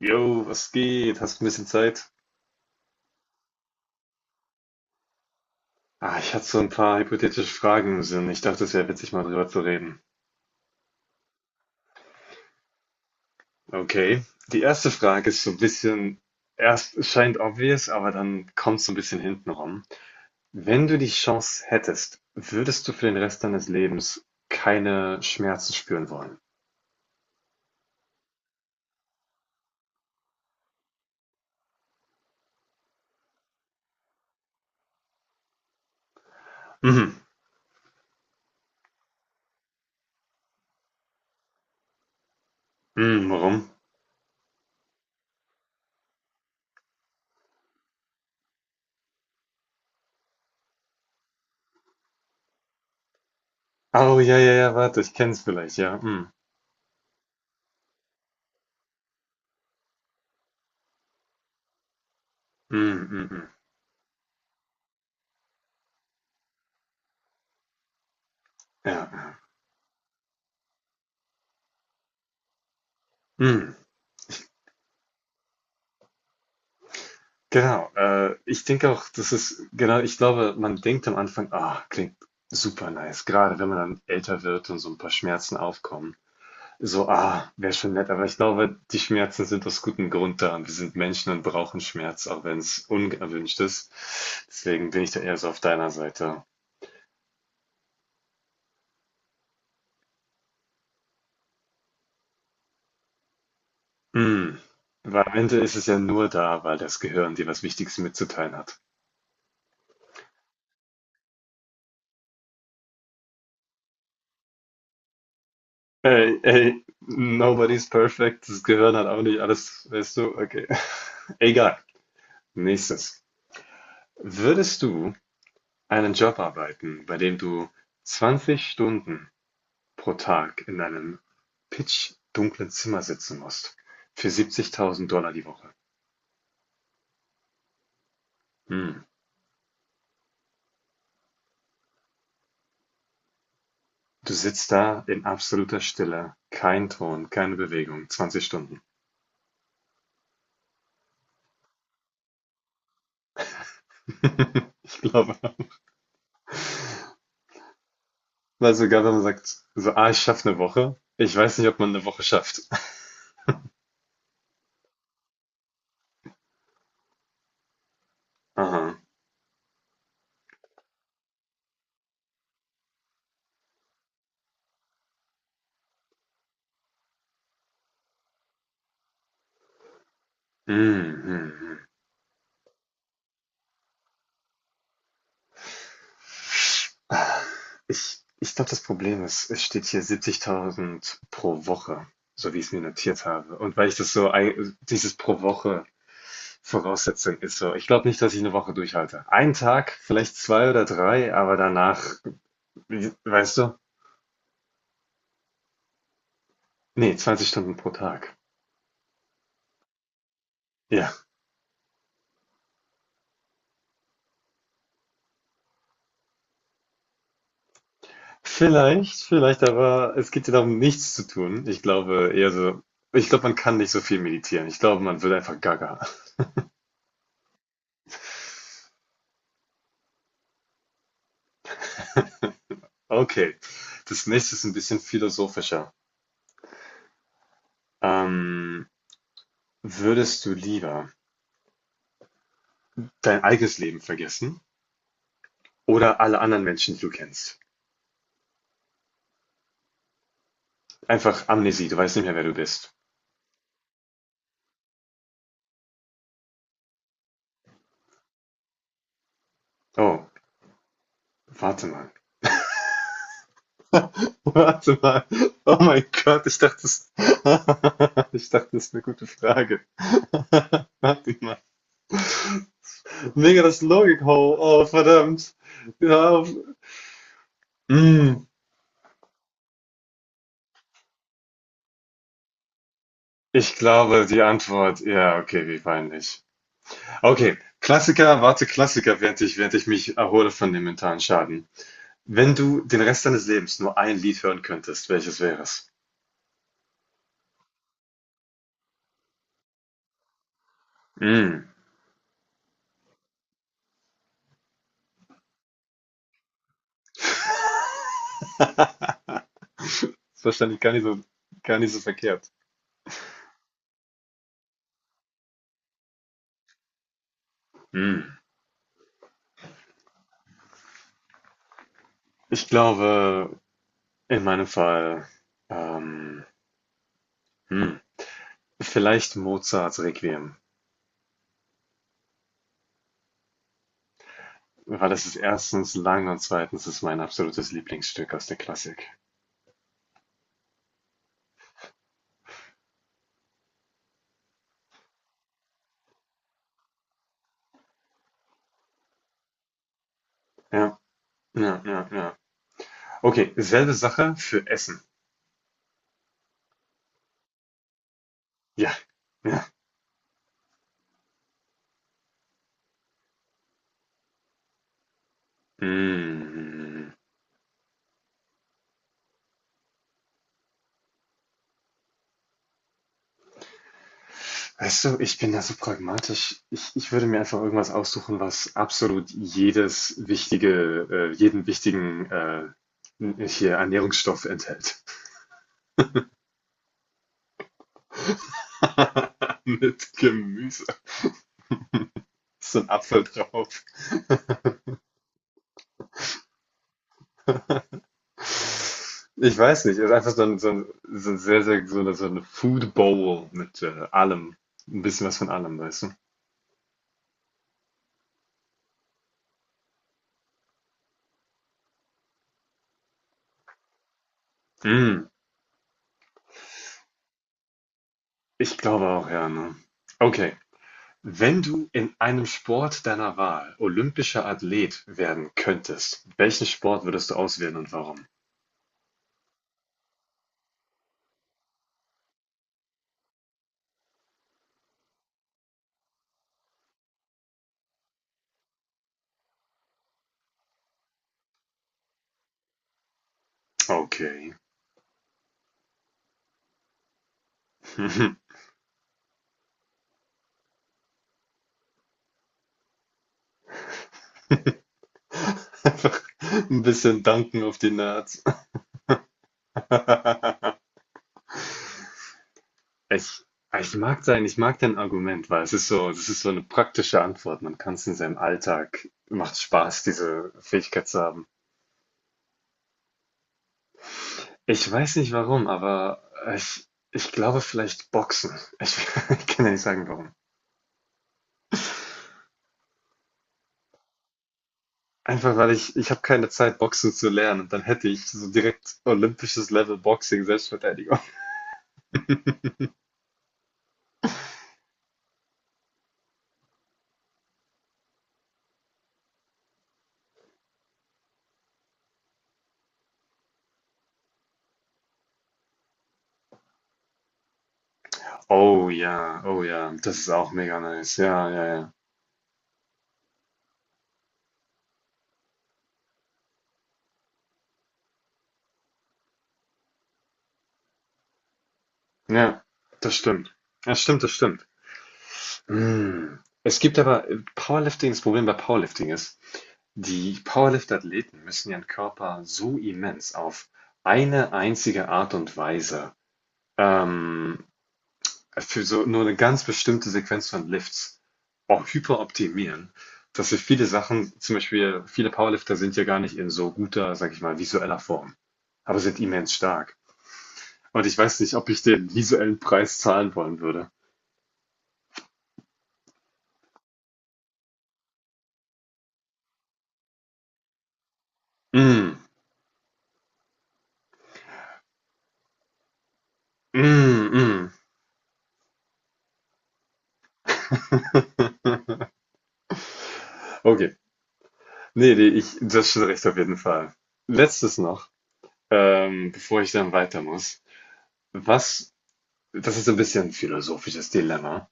Jo, was geht? Hast du ein bisschen Zeit? Ich hatte so ein paar hypothetische Fragen im Sinn. Ich dachte, es wäre witzig, mal drüber zu reden. Okay. Die erste Frage ist so ein bisschen, erst es scheint obvious, aber dann kommt es so ein bisschen hinten rum. Wenn du die Chance hättest, würdest du für den Rest deines Lebens keine Schmerzen spüren wollen? Mhm. Mhm, warum? Oh, ja, ja, ja, warte, ich kenn's vielleicht, ja. Mhm. Mhm, mhm, mhm. Ja. Mhm. Genau, ich denke auch, das ist, genau, ich glaube, man denkt am Anfang, ah, klingt super nice, gerade wenn man dann älter wird und so ein paar Schmerzen aufkommen. So, ah, wäre schon nett, aber ich glaube, die Schmerzen sind aus gutem Grund da und wir sind Menschen und brauchen Schmerz, auch wenn es unerwünscht ist. Deswegen bin ich da eher so auf deiner Seite. Hm, weil am Ende ist es ja nur da, weil das Gehirn dir was Wichtiges mitzuteilen hat. Ey, ey, nobody's perfect, das Gehirn hat auch nicht alles, weißt du, okay, egal. Nächstes. Würdest du einen Job arbeiten, bei dem du 20 Stunden pro Tag in einem pitchdunklen Zimmer sitzen musst, für 70.000 die Woche? Hm. Du sitzt da in absoluter Stille, kein Ton, keine Bewegung, 20 Stunden. Ich glaube, weil sogar wenn man sagt, so, ah, ich schaffe eine Woche, ich weiß nicht, ob man eine Woche schafft. Aha. Hm, hm, hm. Ich glaube, das Problem ist, es steht hier 70.000 pro Woche, so wie ich es mir notiert habe. Und weil ich das so, dieses pro Woche Voraussetzung ist so, ich glaube nicht, dass ich eine Woche durchhalte. Einen Tag, vielleicht zwei oder drei, aber danach, weißt du? Nee, 20 Stunden pro Tag. Ja, vielleicht, vielleicht, aber es geht ja darum, nichts zu tun. Ich glaube eher so, ich glaube, man kann nicht so viel meditieren. Ich glaube, man wird einfach gaga. Okay, das nächste ist ein bisschen philosophischer. Ähm, Würdest du lieber dein eigenes Leben vergessen oder alle anderen Menschen, die du kennst? Einfach Amnesie, du weißt nicht mehr, wer du bist. Oh, warte mal. Warte mal. Oh mein Gott, ich dachte, das, ich dachte, das ist eine gute Frage. Warte mal. Mega das Logik-Hole. Oh, oh, verdammt. Ja, mm, ich glaube, die Antwort, ja, okay, wie peinlich. Okay, Klassiker, warte, Klassiker, während ich mich erhole von dem mentalen Schaden. Wenn du den Rest deines Lebens nur ein Lied hören könntest, welches wäre es? Mm. Das ist wahrscheinlich gar nicht so verkehrt. Mm. Ich glaube, in meinem Fall, ähm, hm, vielleicht Mozarts Requiem, weil das ist erstens lang und zweitens ist mein absolutes Lieblingsstück aus der Klassik. Ja, ja, ja, ja. Okay, selbe Sache für Essen. Ja, ja. Mm. Weißt du, ich bin da so pragmatisch. Ich würde mir einfach irgendwas aussuchen, was absolut jedes wichtige, jeden wichtigen hier Ernährungsstoff enthält. Mit Gemüse. Ist so ein Apfel drauf. Ich weiß nicht, ist einfach so ein sehr, sehr, so eine Food Bowl mit allem. Ein bisschen was von allem, weißt du? Mm, ich glaube auch, ja, ne? Okay. Wenn du in einem Sport deiner Wahl olympischer Athlet werden könntest, welchen Sport würdest du auswählen und warum? Okay. Einfach ein bisschen danken auf die Nerds. Ich mag dein Argument, weil es ist so das ist so eine praktische Antwort. Man kann es in seinem Alltag macht Spaß, diese Fähigkeit zu haben. Ich weiß nicht warum, aber ich glaube vielleicht Boxen. Ich ich kann dir nicht sagen warum. Einfach weil ich habe keine Zeit, Boxen zu lernen. Dann hätte ich so direkt olympisches Level Boxing, Selbstverteidigung. Oh ja, oh ja, das ist auch mega nice. Ja, ja, ja. Ja, das stimmt. Das stimmt, das stimmt. Mm. Es gibt aber Powerlifting, das Problem bei Powerlifting ist, die Powerlift-Athleten müssen ihren Körper so immens auf eine einzige Art und Weise ähm, für so nur eine ganz bestimmte Sequenz von Lifts auch hyperoptimieren, dass wir viele Sachen, zum Beispiel viele Powerlifter sind ja gar nicht in so guter, sag ich mal, visueller Form, aber sind immens stark. Und ich weiß nicht, ob ich den visuellen Preis zahlen wollen würde. Mm, mm, mm. Okay. Nee, nee, ich, das ist schon recht auf jeden Fall. Letztes noch, bevor ich dann weiter muss. Was, das ist ein bisschen ein philosophisches Dilemma.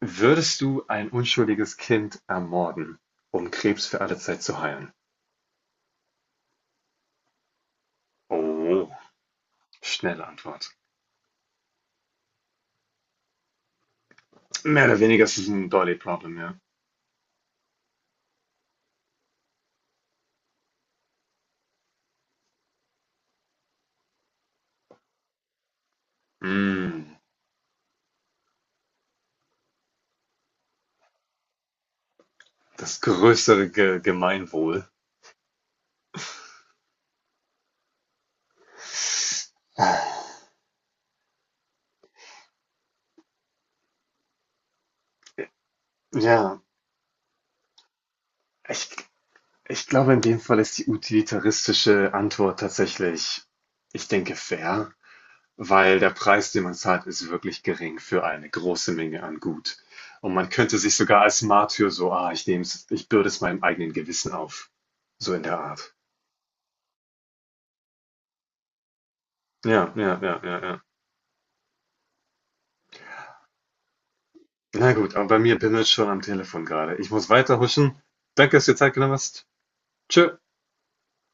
Würdest du ein unschuldiges Kind ermorden, um Krebs für alle Zeit zu heilen? Oh, schnelle Antwort. Mehr oder weniger ist es ein Dolly Problem, ja. Mm, das größere Ge Gemeinwohl. Ja, ich, ich glaube, in dem Fall ist die utilitaristische Antwort tatsächlich, ich denke, fair. Weil der Preis, den man zahlt, ist wirklich gering für eine große Menge an Gut. Und man könnte sich sogar als Martyr so, ah, ich nehm's, ich bürde es meinem eigenen Gewissen auf. So in der Art. Ja, ja, ja, ja, ja. Na gut, aber bei mir bimmelt schon am Telefon gerade. Ich muss weiterhuschen. Danke, dass du dir Zeit genommen hast. Tschö.